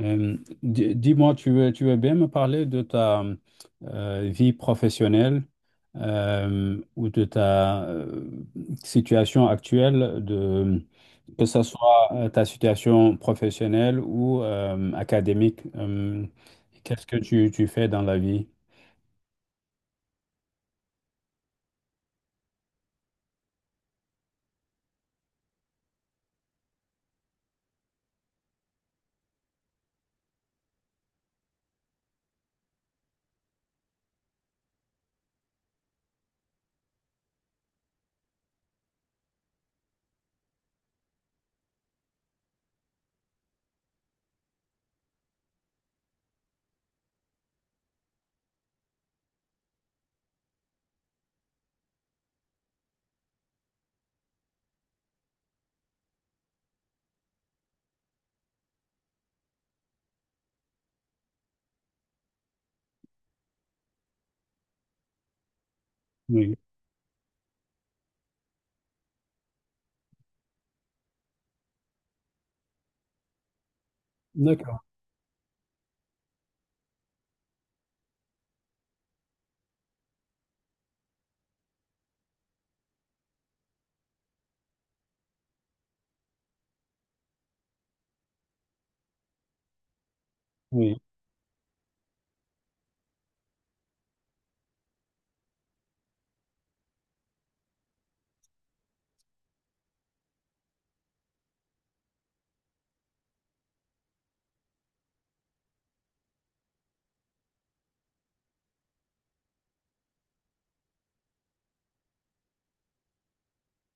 Euh, dis-moi, tu veux bien me parler de ta vie professionnelle ou de ta situation actuelle, de, que ce soit ta situation professionnelle ou académique. Qu'est-ce que tu fais dans la vie? Oui, d'accord. Oui,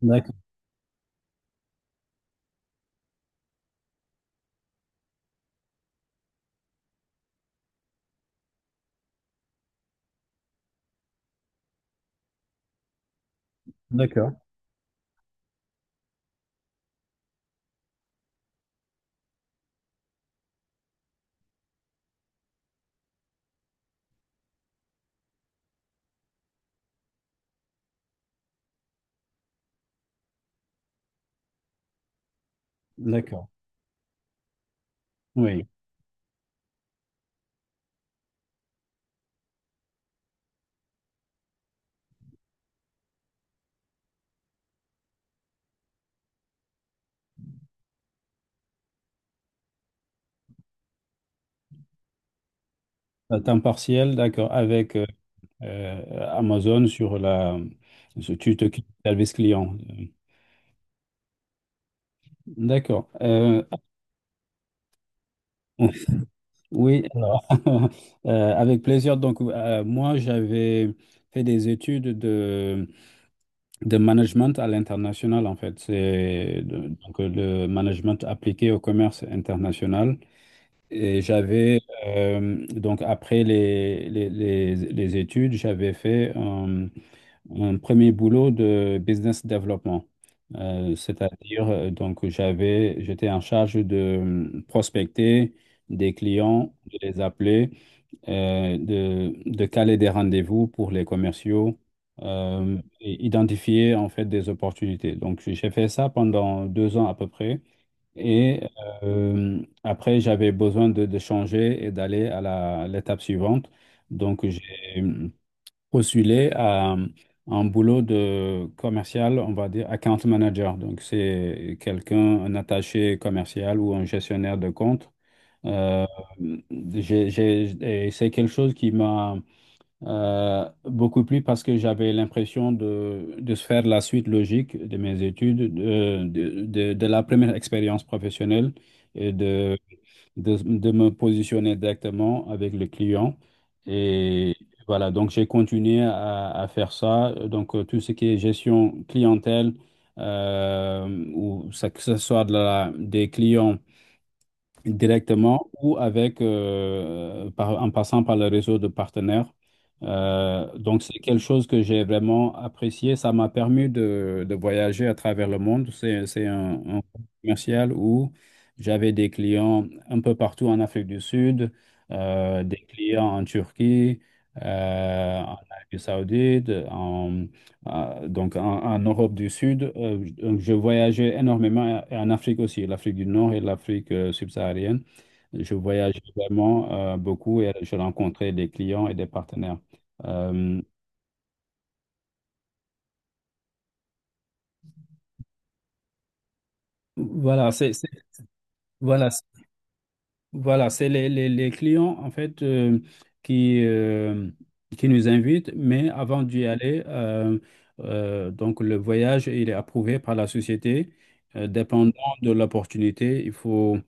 d'accord, d'accord, d'accord, oui. À temps partiel, d'accord, avec Amazon Tu t'occupes du service client. D'accord. Oui, alors, avec plaisir. Donc, moi, j'avais fait des études de management à l'international, en fait. Donc le management appliqué au commerce international. Et j'avais, donc après les études, j'avais fait un premier boulot de business development. C'est-à-dire, donc j'étais en charge de prospecter des clients, de les appeler, de caler des rendez-vous pour les commerciaux, et identifier en fait des opportunités. Donc j'ai fait ça pendant 2 ans à peu près. Et après, j'avais besoin de changer et d'aller l'étape suivante. Donc, j'ai postulé à un boulot de commercial, on va dire account manager. Donc, c'est quelqu'un, un attaché commercial ou un gestionnaire de compte. Euh, et c'est quelque chose qui m'a beaucoup plus parce que j'avais l'impression de se faire la suite logique de mes études, de la première expérience professionnelle et de me positionner directement avec le client. Et voilà, donc j'ai continué à faire ça. Donc tout ce qui est gestion clientèle, euh, ou que ce soit des clients directement ou en passant par le réseau de partenaires. Donc c'est quelque chose que j'ai vraiment apprécié. Ça m'a permis de voyager à travers le monde. C'est un commercial où j'avais des clients un peu partout en Afrique du Sud, des clients en Turquie, en Arabie Saoudite, donc en Europe du Sud. Je voyageais énormément et en Afrique aussi, l'Afrique du Nord et l'Afrique subsaharienne. Je voyageais vraiment beaucoup et je rencontrais des clients et des partenaires. Euh, voilà, voilà, c'est- voilà, c'est les clients en fait qui, euh, qui nous invitent, mais avant d'y aller, donc le voyage, il est approuvé par la société. Dépendant de l'opportunité, il faut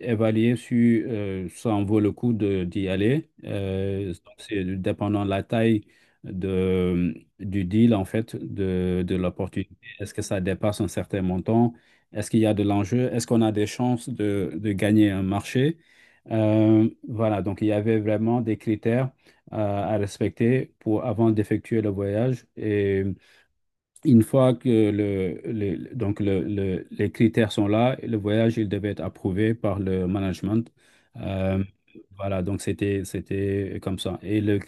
évaluer si ça en vaut le coup d'y aller. Donc, c'est dépendant de la taille de, du deal, en fait, de l'opportunité. Est-ce que ça dépasse un certain montant? Est-ce qu'il y a de l'enjeu? Est-ce qu'on a des chances de gagner un marché? Voilà, donc il y avait vraiment des critères à respecter avant d'effectuer le voyage. Et une fois que les critères sont là, le voyage, il devait être approuvé par le management. Mhm. Voilà, donc c'était comme ça. Et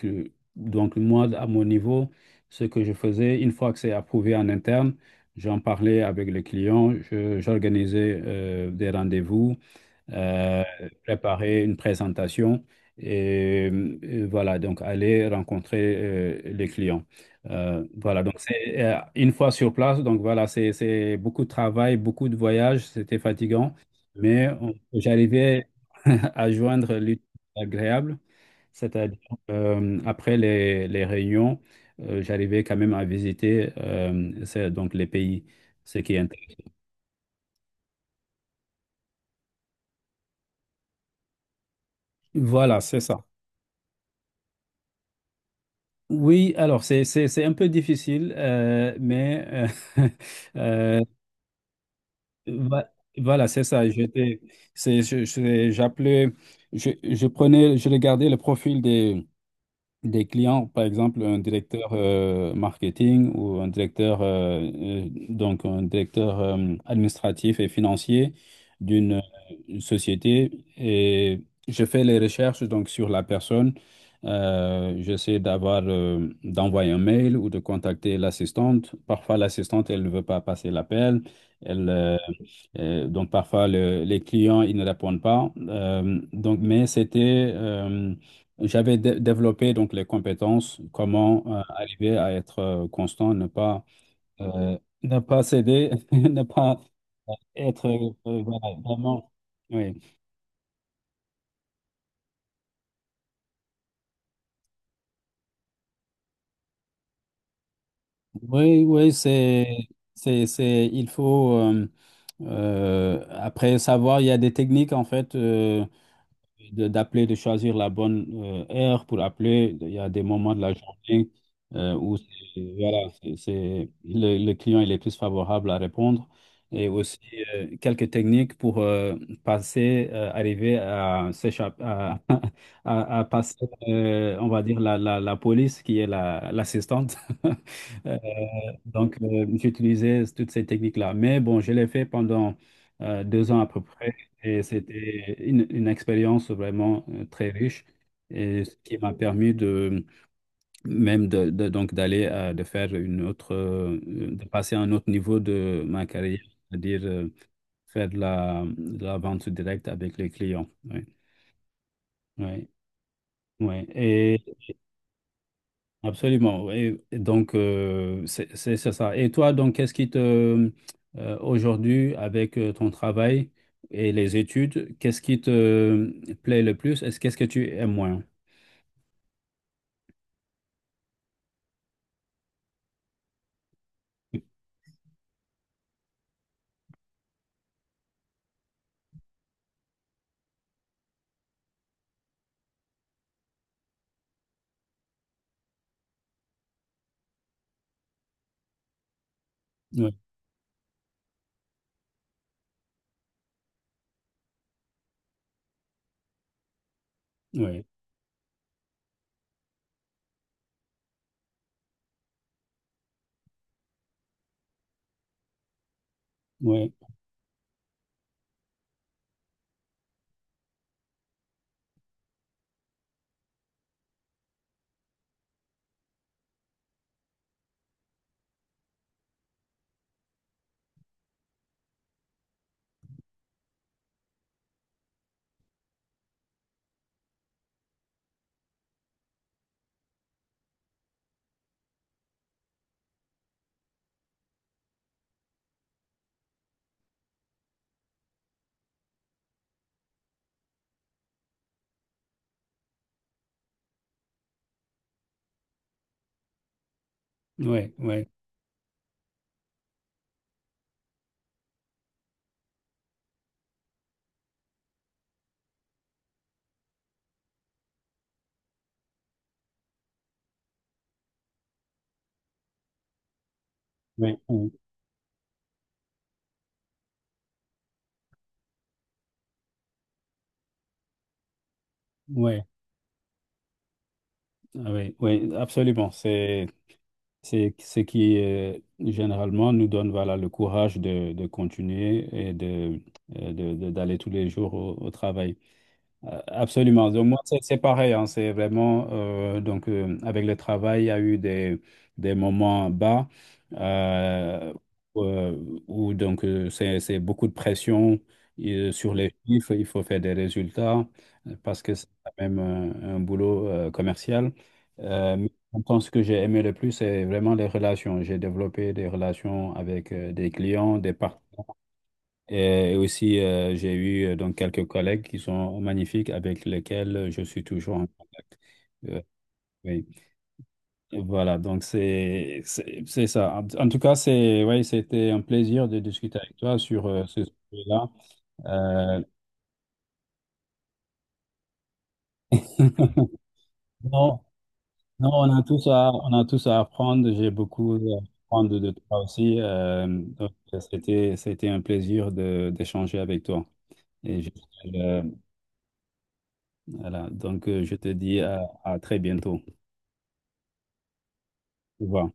donc moi, à mon niveau, ce que je faisais, une fois que c'est approuvé en interne, j'en parlais avec le client, j'organisais des rendez-vous euh, préparer une présentation et, voilà, donc aller rencontrer les clients. Voilà, donc c'est une fois sur place, donc voilà, c'est beaucoup de travail, beaucoup de voyages, c'était fatigant, mais j'arrivais à joindre l'utile à l'agréable, c'est-à-dire après les réunions, j'arrivais quand même à visiter donc les pays, ce qui est intéressant. Voilà, c'est ça. Oui, alors c'est un peu difficile, mais euh, euh, va- voilà, c'est ça. J'appelais, je prenais, je regardais le profil des clients, par exemple un directeur marketing ou un directeur administratif et financier d'une une société et je fais les recherches donc sur la personne. J'essaie d'envoyer un mail ou de contacter l'assistante. Parfois l'assistante elle ne veut pas passer l'appel. Elle Donc parfois les clients ils ne répondent pas. Donc mais c'était j'avais développé donc les compétences, comment arriver à être constant, euh, ne pas céder, ne pas être voilà, vraiment. Oui, oui, oui, il faut après savoir, il y a des techniques en fait d'appeler, de choisir la bonne heure pour appeler. Il y a des moments de la journée où le client il est plus favorable à répondre. Et aussi quelques techniques pour arriver à s'échapper, à passer, on va dire, la police qui est l'assistante. Donc, j'utilisais toutes ces techniques-là. Mais bon, je l'ai fait pendant 2 ans à peu près et c'était une expérience vraiment très riche et ce qui m'a permis de même de faire une autre, de passer à un autre niveau de ma carrière, c'est-à-dire faire de la vente directe avec les clients. Oui, oui, oui. Absolument. Et donc, c'est ça. Et toi, donc, qu'est-ce qui aujourd'hui, avec ton travail et les études, qu'est-ce qui te plaît le plus? Est-ce qu'est-ce que tu aimes moins? Oui, oui, oui, oui, oui, oui, oui, oui, ah oui, oui, absolument. C'est ce qui, généralement, nous donne, voilà, le courage de continuer et d'aller tous les jours au travail. Absolument. Donc, moi, c'est pareil. Hein. C'est vraiment, donc, avec le travail, il y a eu des moments bas euh, où donc, c'est beaucoup de pression sur les chiffres. Il faut faire des résultats parce que c'est quand même un boulot commercial. Mais en même temps, ce que j'ai aimé le plus, c'est vraiment les relations. J'ai développé des relations avec des clients, des partenaires. Et aussi, j'ai eu donc quelques collègues qui sont magnifiques avec lesquels je suis toujours en contact. Euh, oui. Voilà, donc c'est ça. En tout cas, c'est oui, c'était un plaisir de discuter avec toi sur ce sujet-là. Euh, non, non, on a tous à apprendre. J'ai beaucoup à apprendre de toi aussi. Donc c'était un plaisir de d'échanger avec toi. Et euh, voilà, donc je te dis à très bientôt. Au revoir.